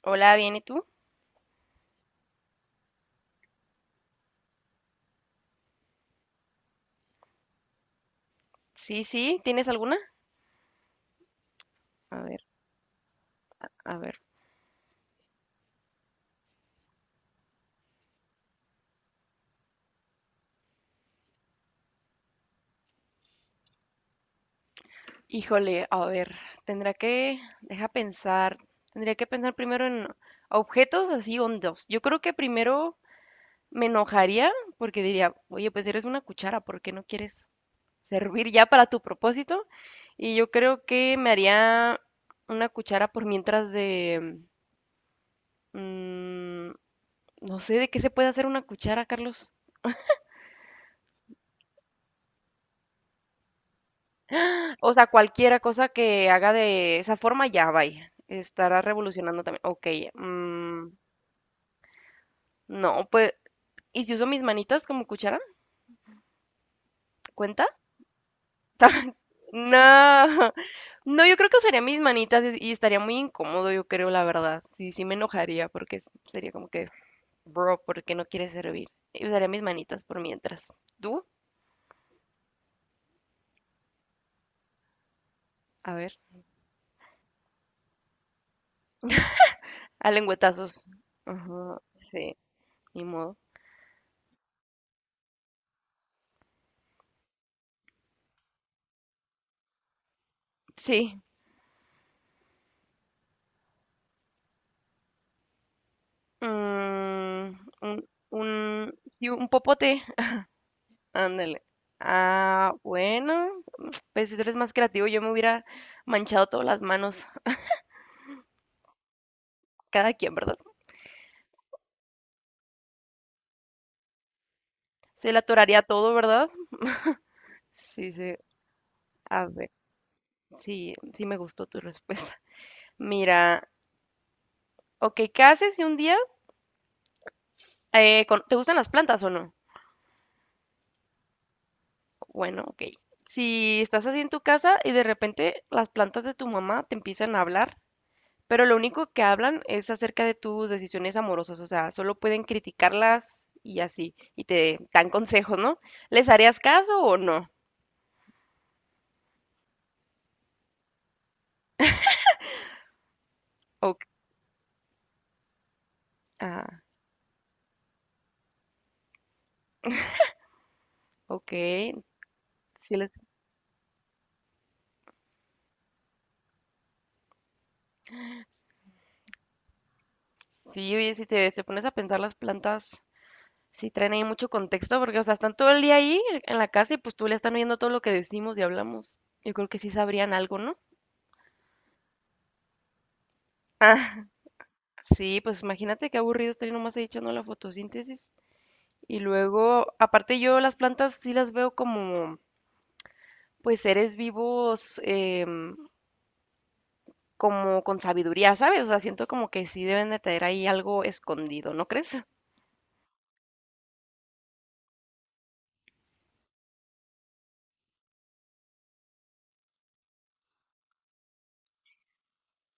Hola, ¿bien y tú? Sí, sí, ¿tienes alguna? A ver, a ver. Híjole, a ver, tendrá que, deja pensar, tendría que pensar primero en objetos así hondos. Yo creo que primero me enojaría porque diría, oye, pues eres una cuchara, ¿por qué no quieres servir ya para tu propósito? Y yo creo que me haría una cuchara por mientras de, mm, no sé, ¿de qué se puede hacer una cuchara, Carlos? O sea, cualquiera cosa que haga de esa forma, ya, vaya. Estará revolucionando también. Ok, mm, no, pues, ¿y si uso mis manitas como cuchara? ¿Cuenta? No. No, yo creo que usaría mis manitas y estaría muy incómodo, yo creo, la verdad. Sí, sí me enojaría porque sería como que, bro, ¿por qué no quieres servir? Y usaría mis manitas por mientras. ¿Tú? A ver, a lengüetazos. Ajá, sí, ni modo. Sí, mm, un, sí, un popote. Ándale. Ah, bueno, pues si tú eres más creativo, yo me hubiera manchado todas las manos, cada quien, ¿verdad? Se le atoraría todo, ¿verdad? Sí, sí. A ver, sí, sí me gustó tu respuesta. Mira, ok, ¿qué haces si un día te gustan las plantas o no? Bueno, ok. Si estás así en tu casa y de repente las plantas de tu mamá te empiezan a hablar, pero lo único que hablan es acerca de tus decisiones amorosas, o sea, solo pueden criticarlas y así, y te dan consejos, ¿no? ¿Les harías caso o no? O- ah, ok. Sí, les- sí, oye, si te pones a pensar las plantas, sí traen ahí mucho contexto, porque, o sea, están todo el día ahí en la casa y pues tú le están viendo todo lo que decimos y hablamos. Yo creo que sí sabrían algo, ¿no? Ah, sí, pues imagínate qué aburrido estar ahí nomás ahí echando la fotosíntesis. Y luego, aparte yo las plantas sí las veo como pues seres vivos como con sabiduría, ¿sabes? O sea, siento como que sí deben de tener ahí algo escondido, ¿no crees?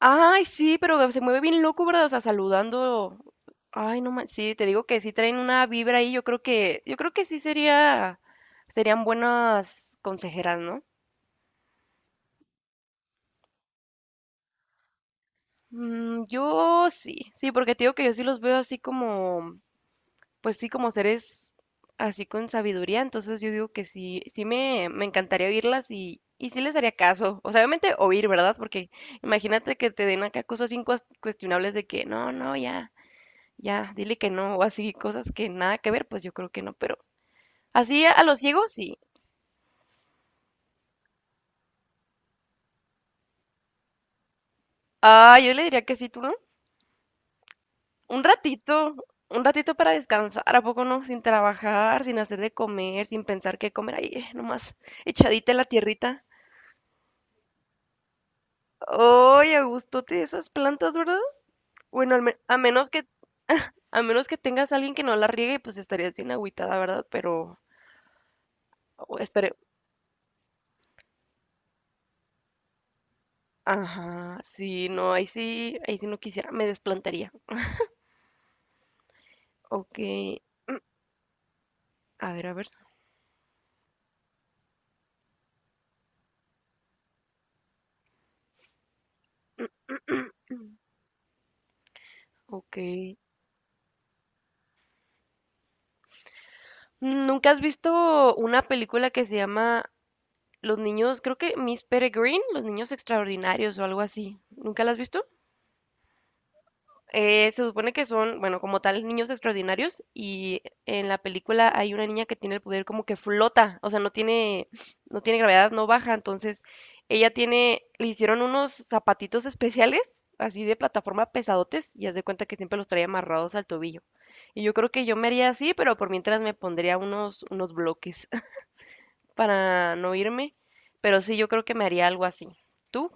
Ay, sí, pero se mueve bien loco, ¿verdad? O sea, saludando. Ay, no manches, sí, te digo que sí traen una vibra ahí, yo creo que sí sería, serían buenas consejeras, ¿no? Mm, yo sí, sí, porque te digo que yo sí los veo así como, pues sí, como seres así con sabiduría, entonces yo digo que sí, me encantaría oírlas y sí les haría caso. O sea, obviamente oír, ¿verdad? Porque imagínate que te den acá cosas bien cuestionables de que no, no, ya, ya, dile que no, o así, cosas que nada que ver, pues yo creo que no, pero así a los ciegos sí. Ah, yo le diría que sí, tú no. Un ratito, un ratito para descansar, ¿a poco no? Sin trabajar, sin hacer de comer, sin pensar qué comer, ahí, nomás echadita en la tierrita. Ay, a gustote esas plantas, ¿verdad? Bueno, a menos que a menos que tengas a alguien que no la riegue, pues estarías bien agüitada, ¿verdad? Pero o espere, ajá, sí, no, ahí sí no quisiera, me desplantaría. Ok, a ver, a ver. Ok. ¿Nunca has visto una película que se llama Los niños, creo que Miss Peregrine, Los niños extraordinarios o algo así? ¿Nunca la has visto? Se supone que son, bueno, como tal, niños extraordinarios y en la película hay una niña que tiene el poder como que flota, o sea, no tiene gravedad, no baja, entonces ella tiene, le hicieron unos zapatitos especiales, así de plataforma pesadotes, y haz de cuenta que siempre los trae amarrados al tobillo. Y yo creo que yo me haría así, pero por mientras me pondría unos bloques para no irme, pero sí, yo creo que me haría algo así. ¿Tú?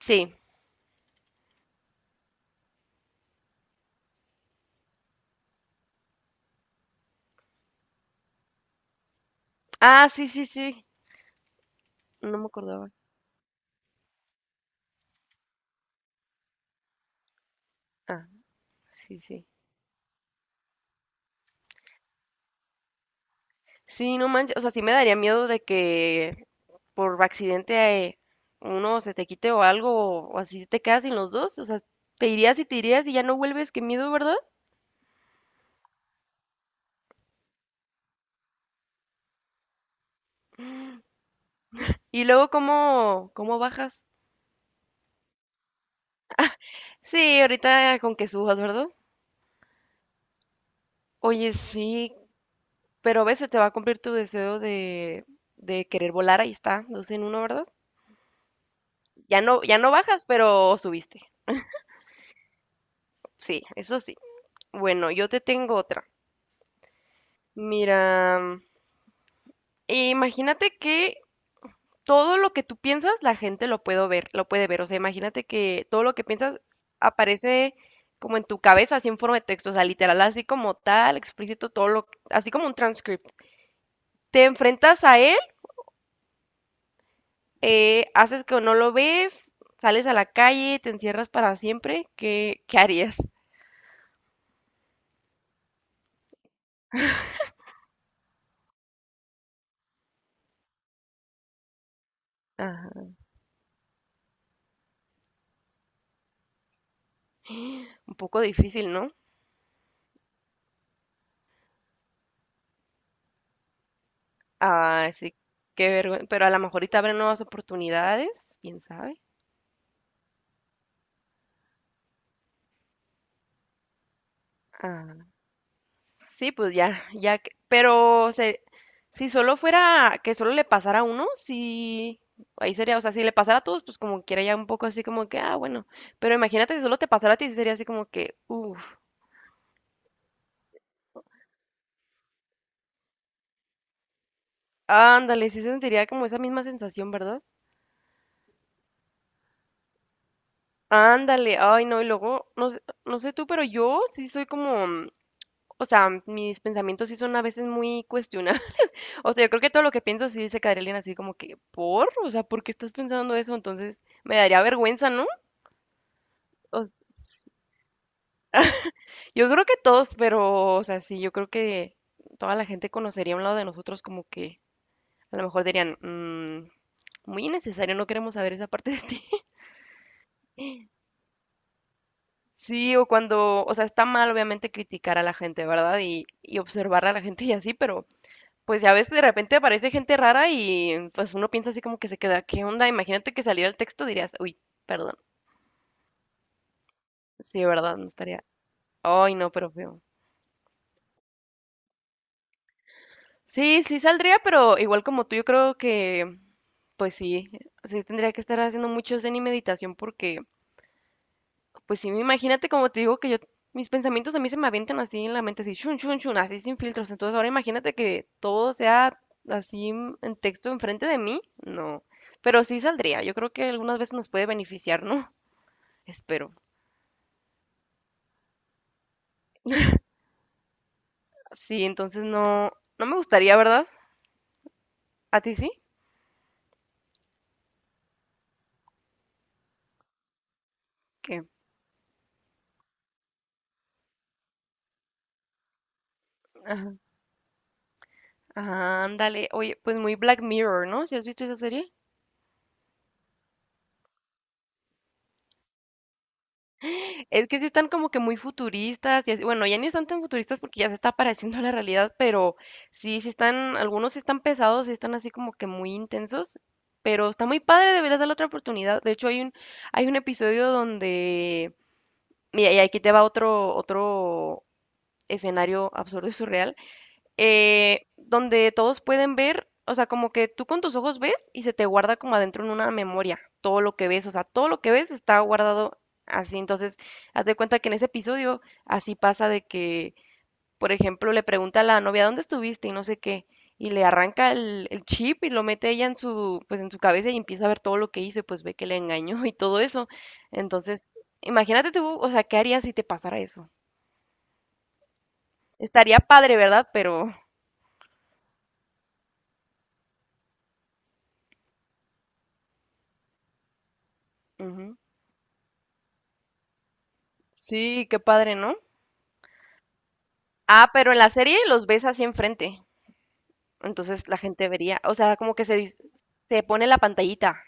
Sí. Ah, sí, sí, sí. No me acordaba. Ah, sí, sí. Sí, no manches, o sea, sí me daría miedo de que por accidente uno se te quite o algo, o así te quedas sin los dos, o sea, te irías y ya no vuelves, qué miedo, ¿verdad? Y luego, ¿cómo bajas? Sí, ahorita con que subas, ¿verdad? Oye, sí, pero a veces te va a cumplir tu deseo de querer volar, ahí está, dos en uno, ¿verdad? Ya no, ya no bajas, pero subiste. Sí, eso sí. Bueno, yo te tengo otra. Mira, imagínate que todo lo que tú piensas, la gente lo puede ver, lo puede ver. O sea, imagínate que todo lo que piensas aparece como en tu cabeza, así en forma de texto, o sea, literal, así como tal, explícito, todo lo, así como un transcript. Te enfrentas a él, haces que no lo ves, sales a la calle, te encierras para siempre. ¿Qué, qué harías? Ajá. Un poco difícil, ¿no? Ah, sí, qué vergüenza. Pero a lo mejor ahorita habrá nuevas oportunidades, quién sabe. Sí, pues ya, ya, pero si solo fuera que solo le pasara a uno, sí, ahí sería, o sea, si le pasara a todos, pues como quiera ya un poco así como que, ah, bueno, pero imagínate si solo te pasara a ti, sí sería así como que, uff, ándale, sí sentiría como esa misma sensación, ¿verdad? Ándale, ay, no, y luego, no sé, no sé tú, pero yo sí soy como, mm, o sea, mis pensamientos sí son a veces muy cuestionables, o sea, yo creo que todo lo que pienso sí se quedaría alguien así como que, por, o sea, ¿por qué estás pensando eso? Entonces, me daría vergüenza, ¿no? Yo creo que todos, pero, o sea, sí, yo creo que toda la gente conocería un lado de nosotros como que a lo mejor dirían, "Mm, muy innecesario, no queremos saber esa parte de ti. Sí, o cuando, o sea, está mal obviamente criticar a la gente, ¿verdad? Y observar a la gente y así, pero pues ya ves que de repente aparece gente rara y pues uno piensa así como que se queda, ¿qué onda? Imagínate que saliera el texto, dirías, uy, perdón. Sí, ¿verdad? No estaría. Ay, no, pero feo. Sí, sí saldría, pero igual como tú, yo creo que pues sí, sí tendría que estar haciendo mucho zen y meditación porque, pues sí, imagínate como te digo que yo, mis pensamientos a mí se me avientan así en la mente, así, chun, chun, chun, así sin filtros. Entonces ahora imagínate que todo sea así en texto enfrente de mí, no. Pero sí saldría, yo creo que algunas veces nos puede beneficiar, ¿no? Espero. Sí, entonces no, no me gustaría, ¿verdad? ¿A ti sí? ¿Qué? Ajá, ajá, ándale. Oye, pues muy Black Mirror, ¿no? ¿Si has visto esa serie? Es que sí están como que muy futuristas, y así- bueno, ya ni están tan futuristas porque ya se está pareciendo a la realidad, pero sí, sí están, algunos sí están pesados, sí están así como que muy intensos, pero está muy padre, deberías darle otra oportunidad. De hecho, hay un episodio donde, mira, y aquí te va otro escenario absurdo y surreal donde todos pueden ver, o sea, como que tú con tus ojos ves y se te guarda como adentro en una memoria todo lo que ves, o sea, todo lo que ves está guardado así. Entonces, haz de cuenta que en ese episodio así pasa de que, por ejemplo, le pregunta a la novia, ¿dónde estuviste? Y no sé qué. Y le arranca el chip y lo mete ella en su, pues en su cabeza y empieza a ver todo lo que hizo y pues ve que le engañó y todo eso. Entonces, imagínate tú, o sea, ¿qué harías si te pasara eso? Estaría padre, ¿verdad? Pero, ujú. Sí, qué padre, ¿no? Ah, pero en la serie los ves así enfrente. Entonces la gente vería, o sea, como que se, se pone la pantallita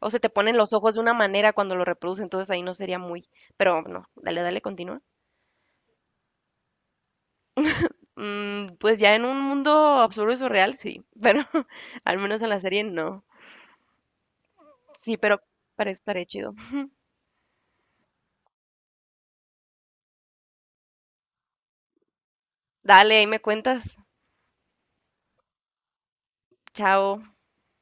o se te ponen los ojos de una manera cuando lo reproduce, entonces ahí no sería muy, pero no, dale, dale, continúa. Mm, pues ya en un mundo absurdo y surreal, sí, pero al menos en la serie no. Sí, pero parece, parece chido. Dale, ahí me cuentas. Chao.